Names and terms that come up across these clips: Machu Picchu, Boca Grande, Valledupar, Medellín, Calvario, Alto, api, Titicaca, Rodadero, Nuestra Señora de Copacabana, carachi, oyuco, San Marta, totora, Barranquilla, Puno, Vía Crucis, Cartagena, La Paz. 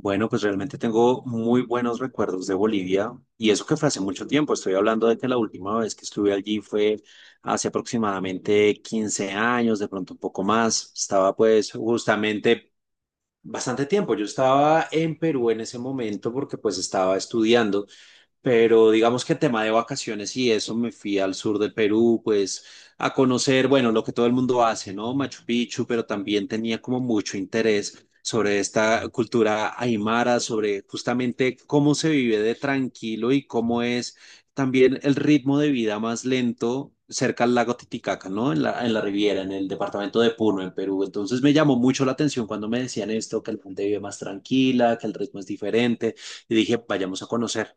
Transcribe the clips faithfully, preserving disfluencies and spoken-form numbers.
Bueno, pues realmente tengo muy buenos recuerdos de Bolivia y eso que fue hace mucho tiempo. Estoy hablando de que la última vez que estuve allí fue hace aproximadamente quince años, de pronto un poco más. Estaba pues justamente bastante tiempo. Yo estaba en Perú en ese momento porque pues estaba estudiando, pero digamos que tema de vacaciones y eso, me fui al sur del Perú, pues a conocer, bueno, lo que todo el mundo hace, ¿no? Machu Picchu, pero también tenía como mucho interés sobre esta cultura aymara, sobre justamente cómo se vive de tranquilo y cómo es también el ritmo de vida más lento cerca al lago Titicaca, ¿no? En la, en la Riviera, en el departamento de Puno, en Perú. Entonces me llamó mucho la atención cuando me decían esto, que la gente vive más tranquila, que el ritmo es diferente, y dije, vayamos a conocer.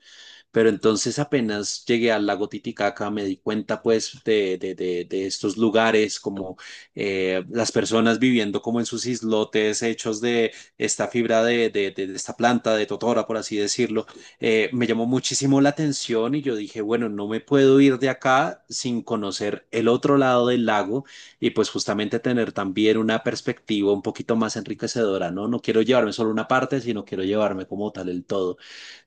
Pero entonces apenas llegué al lago Titicaca, me di cuenta pues de, de, de, de estos lugares, como eh, las personas viviendo como en sus islotes hechos de esta fibra de, de, de- de esta planta, de totora, por así decirlo. Eh, me llamó muchísimo la atención y yo dije, bueno, no me puedo ir de acá sin conocer el otro lado del lago y pues justamente tener también una perspectiva un poquito más enriquecedora, ¿no? No quiero llevarme solo una parte, sino quiero llevarme como tal el todo.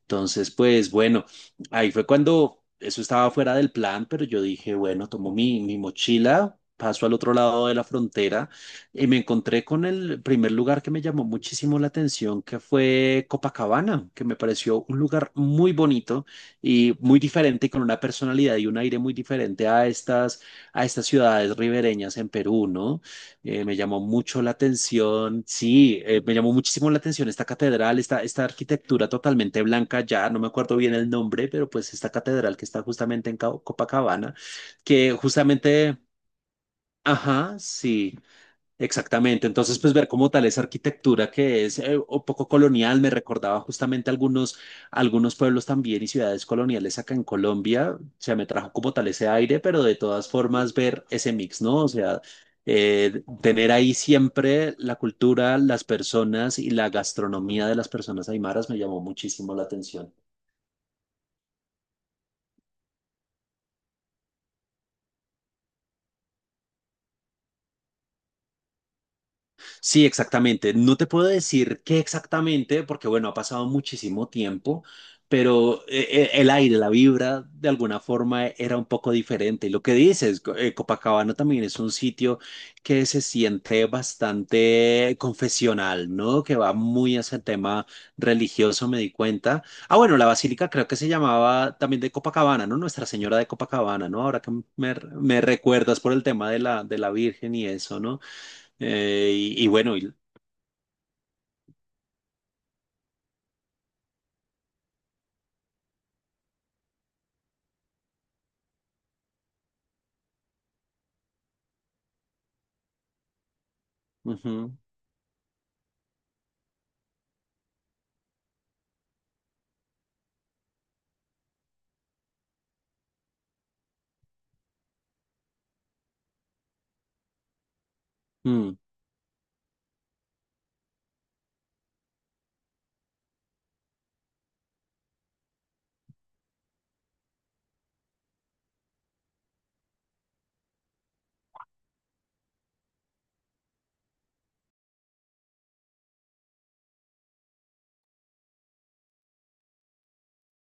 Entonces, pues bueno, ahí fue cuando eso estaba fuera del plan, pero yo dije, bueno, tomo mi, mi mochila, paso al otro lado de la frontera y me encontré con el primer lugar que me llamó muchísimo la atención, que fue Copacabana, que me pareció un lugar muy bonito y muy diferente, y con una personalidad y un aire muy diferente a estas, a estas ciudades ribereñas en Perú, ¿no? Eh, me llamó mucho la atención, sí, eh, me llamó muchísimo la atención esta catedral, esta, esta arquitectura totalmente blanca, ya no me acuerdo bien el nombre, pero pues esta catedral que está justamente en Ca- Copacabana, que justamente, ajá, sí. Exactamente, entonces pues ver como tal esa arquitectura que es eh, un poco colonial, me recordaba justamente algunos, algunos pueblos también y ciudades coloniales acá en Colombia, o sea, me trajo como tal ese aire, pero de todas formas ver ese mix, ¿no? O sea, eh, tener ahí siempre la cultura, las personas y la gastronomía de las personas aymaras me llamó muchísimo la atención. Sí, exactamente. No te puedo decir qué exactamente, porque bueno, ha pasado muchísimo tiempo, pero eh, eh, el aire, la vibra, de alguna forma e, era un poco diferente. Y lo que dices, co- eh, Copacabana también es un sitio que se siente bastante confesional, ¿no? Que va muy hacia el tema religioso, me di cuenta. Ah, bueno, la basílica creo que se llamaba también de Copacabana, ¿no? Nuestra Señora de Copacabana, ¿no? Ahora que me, me recuerdas por el tema de la, de la Virgen y eso, ¿no? Eh, y, y bueno, y- ujú, mm,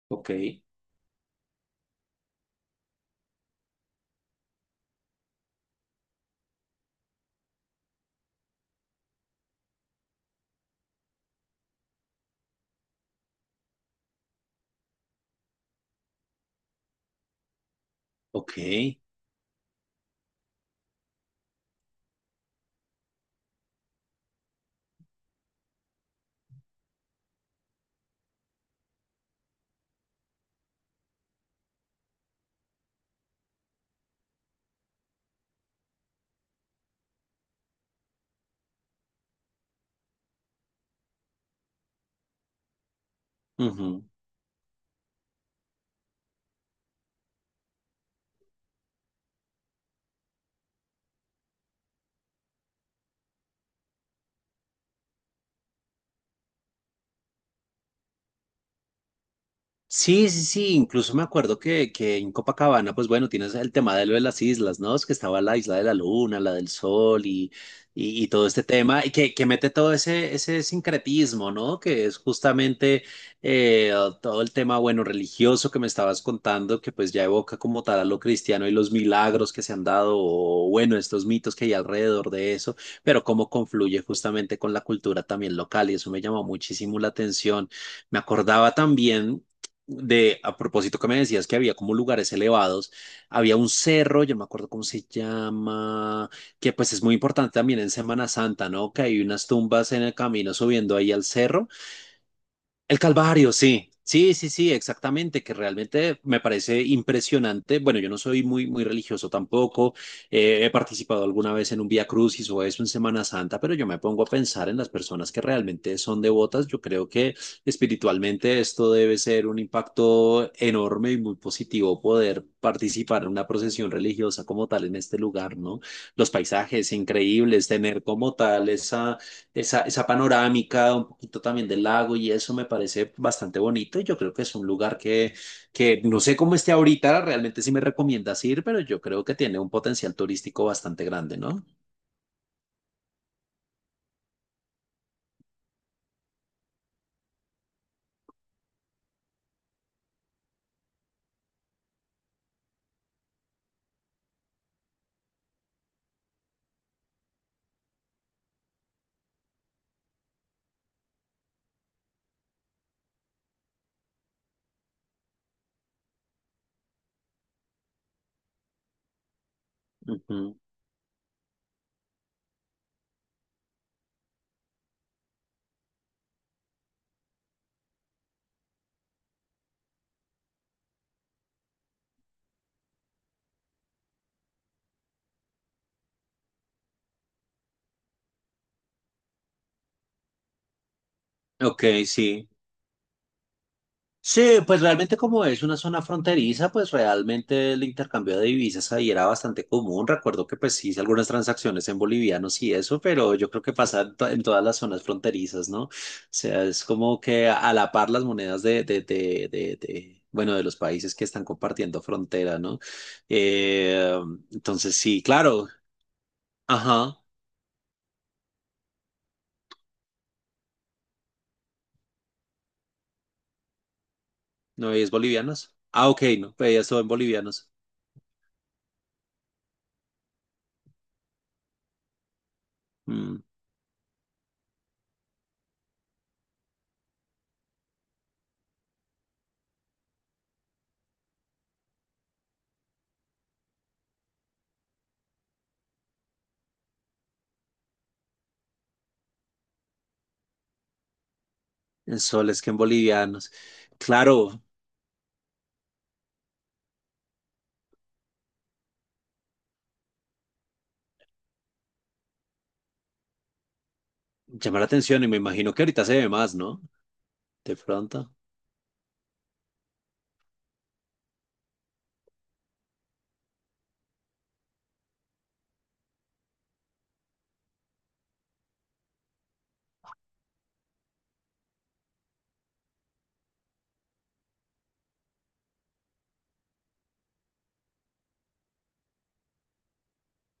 ok, ok. Ujú. Sí, sí, sí, incluso me acuerdo que, que en Copacabana, pues bueno, tienes el tema de lo de las islas, ¿no? Es que estaba la isla de la luna, la del sol y, y, y todo este tema, y que, que mete todo ese, ese sincretismo, ¿no? Que es justamente eh, todo el tema, bueno, religioso que me estabas contando, que pues ya evoca como tal a lo cristiano y los milagros que se han dado, o bueno, estos mitos que hay alrededor de eso, pero cómo confluye justamente con la cultura también local, y eso me llamó muchísimo la atención. Me acordaba también de, a propósito que me decías que había como lugares elevados, había un cerro, yo no me acuerdo cómo se llama, que pues es muy importante también en Semana Santa, ¿no? Que hay unas tumbas en el camino subiendo ahí al cerro el Calvario, sí, sí, sí, sí, exactamente, que realmente me parece impresionante. Bueno, yo no soy muy, muy religioso tampoco, eh, he participado alguna vez en un Vía Crucis o eso en Semana Santa, pero yo me pongo a pensar en las personas que realmente son devotas. Yo creo que espiritualmente esto debe ser un impacto enorme y muy positivo poder participar en una procesión religiosa como tal en este lugar, ¿no? Los paisajes increíbles, tener como tal esa esa, esa panorámica, un poquito también del lago y eso me parece bastante bonito y yo creo que es un lugar que, que no sé cómo esté ahorita, realmente sí me recomiendas ir, pero yo creo que tiene un potencial turístico bastante grande, ¿no? Ujú. Ok, sí. Sí, pues realmente como es una zona fronteriza, pues realmente el intercambio de divisas ahí era bastante común. Recuerdo que pues hice algunas transacciones en bolivianos y eso, pero yo creo que pasa en, to- en todas las zonas fronterizas, ¿no? O sea, es como que a la par las monedas de, de, de, de, de, bueno, de los países que están compartiendo frontera, ¿no? Eh, entonces sí, claro. Ajá, ¿no es bolivianos? Ah, ok, no, veías todo en bolivianos. Mm, en soles que en bolivianos. Claro, llama la atención y me imagino que ahorita se ve más, ¿no? De pronto.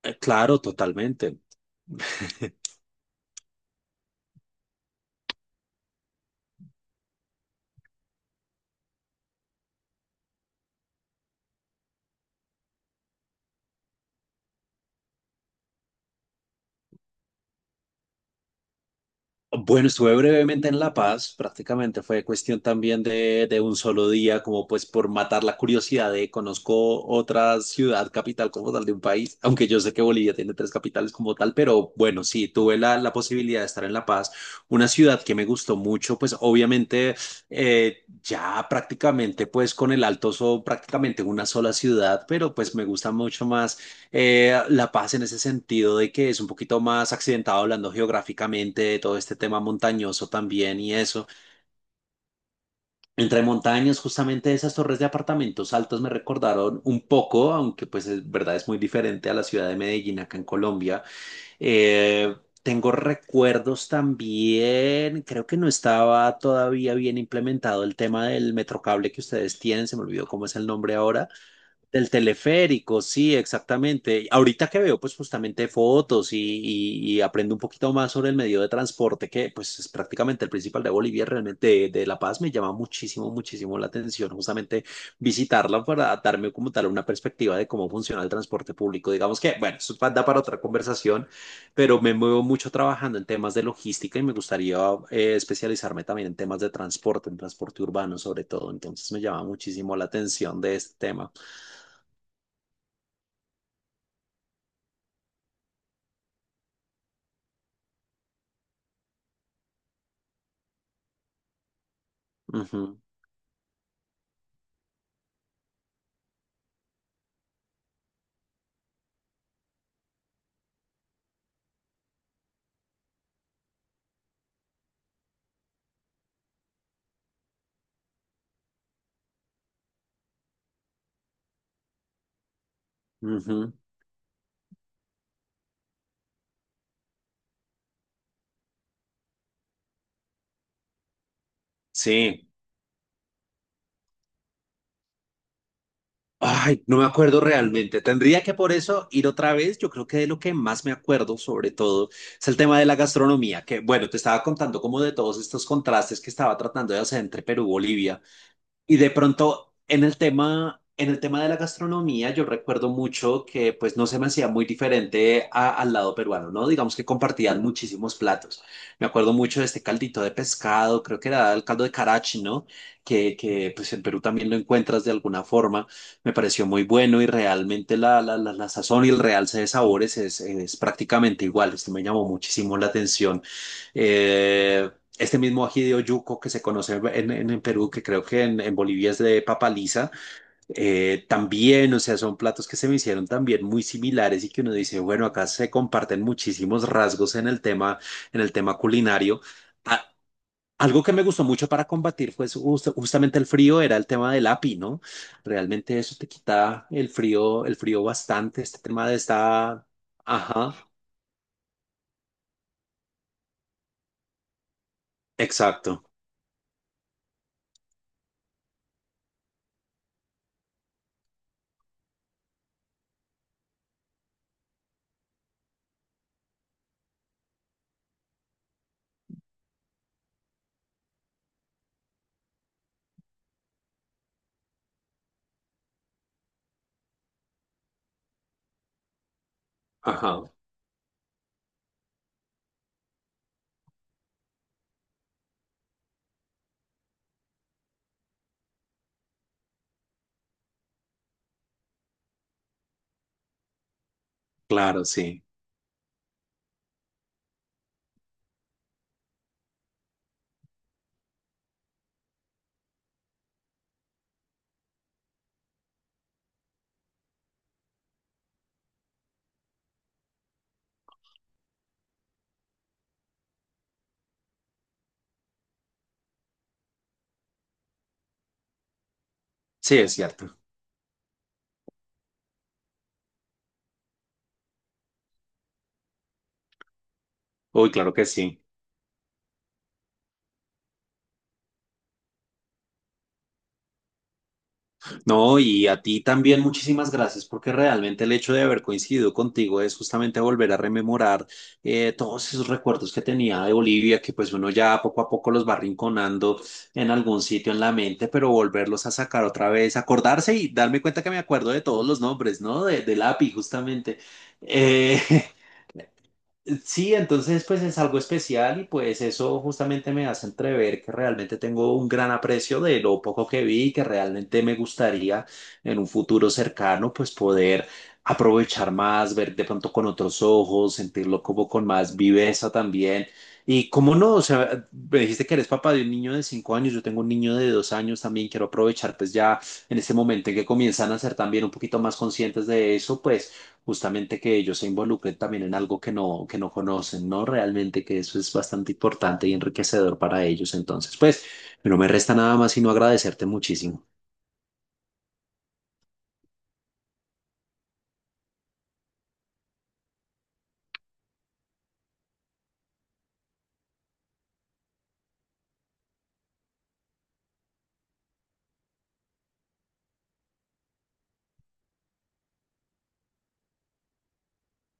Eh, claro, totalmente. Bueno, estuve brevemente en La Paz, prácticamente fue cuestión también de, de un solo día, como pues por matar la curiosidad de conozco otra ciudad capital como tal de un país, aunque yo sé que Bolivia tiene tres capitales como tal, pero bueno, sí, tuve la, la posibilidad de estar en La Paz, una ciudad que me gustó mucho, pues obviamente eh, ya prácticamente pues con el Alto son prácticamente una sola ciudad, pero pues me gusta mucho más eh, La Paz en ese sentido de que es un poquito más accidentado hablando geográficamente de todo este tema montañoso también y eso. Entre montañas, justamente esas torres de apartamentos altos me recordaron un poco, aunque pues es verdad es muy diferente a la ciudad de Medellín acá en Colombia. Eh, Tengo recuerdos también, creo que no estaba todavía bien implementado el tema del metrocable que ustedes tienen, se me olvidó cómo es el nombre ahora del teleférico, sí, exactamente. Ahorita que veo, pues justamente fotos y, y- y aprendo un poquito más sobre el medio de transporte, que pues es prácticamente el principal de Bolivia, realmente de, de La Paz, me llama muchísimo, muchísimo la atención, justamente visitarla para darme como tal una perspectiva de cómo funciona el transporte público. Digamos que, bueno, eso pa- da para otra conversación, pero me muevo mucho trabajando en temas de logística y me gustaría eh, especializarme también en temas de transporte, en transporte urbano sobre todo. Entonces me llama muchísimo la atención de este tema. Ujú, ujú. Sí. Ay, no me acuerdo realmente. Tendría que por eso ir otra vez. Yo creo que de lo que más me acuerdo, sobre todo, es el tema de la gastronomía, que bueno, te estaba contando como de todos estos contrastes que estaba tratando de hacer entre Perú y Bolivia. Y de pronto, en el tema, en el tema de la gastronomía, yo recuerdo mucho que pues no se me hacía muy diferente a- al lado peruano, ¿no? Digamos que compartían muchísimos platos. Me acuerdo mucho de este caldito de pescado, creo que era el caldo de carachi, ¿no? Que, que pues en Perú también lo encuentras de alguna forma. Me pareció muy bueno y realmente la, la, la, la sazón y el realce de sabores es, es prácticamente igual. Esto me llamó muchísimo la atención. Eh, este mismo ají de oyuco que se conoce en, en, en Perú, que creo que en, en Bolivia es de papa lisa, eh, también, o sea, son platos que se me hicieron también muy similares y que uno dice, bueno, acá se comparten muchísimos rasgos en el tema, en el tema culinario. Ah, algo que me gustó mucho para combatir fue pues, justamente el frío, era el tema del api, ¿no? Realmente eso te quita el frío, el frío bastante, este tema de esta... Ajá, exacto. Ajá, claro, sí. Sí, es cierto. Uy, claro que sí. No, y a ti también muchísimas gracias porque realmente el hecho de haber coincidido contigo es justamente volver a rememorar eh, todos esos recuerdos que tenía de Bolivia, que pues uno ya poco a poco los va rinconando en algún sitio en la mente, pero volverlos a sacar otra vez, acordarse y darme cuenta que me acuerdo de todos los nombres, ¿no? De, del API justamente. Eh, Sí, entonces pues es algo especial y pues eso justamente me hace entrever que realmente tengo un gran aprecio de lo poco que vi y que realmente me gustaría en un futuro cercano pues poder aprovechar más, ver de pronto con otros ojos, sentirlo como con más viveza también. Y cómo no, o sea, me dijiste que eres papá de un niño de cinco años, yo tengo un niño de dos años también, quiero aprovechar pues ya en este momento en que comienzan a ser también un poquito más conscientes de eso, pues justamente que ellos se involucren también en algo que no, que no conocen, ¿no? Realmente que eso es bastante importante y enriquecedor para ellos. Entonces, pues, no me resta nada más sino agradecerte muchísimo.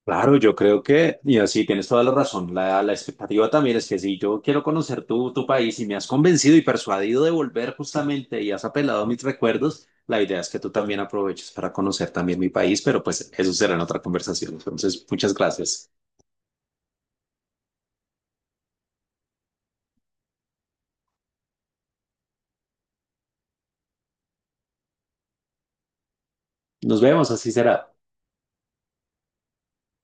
Claro, yo creo que, y así tienes toda la razón, la, la expectativa también es que si yo quiero conocer tu, tu país y me has convencido y persuadido de volver justamente y has apelado a mis recuerdos, la idea es que tú también aproveches para conocer también mi país, pero pues eso será en otra conversación. Entonces, muchas gracias. Nos vemos, así será.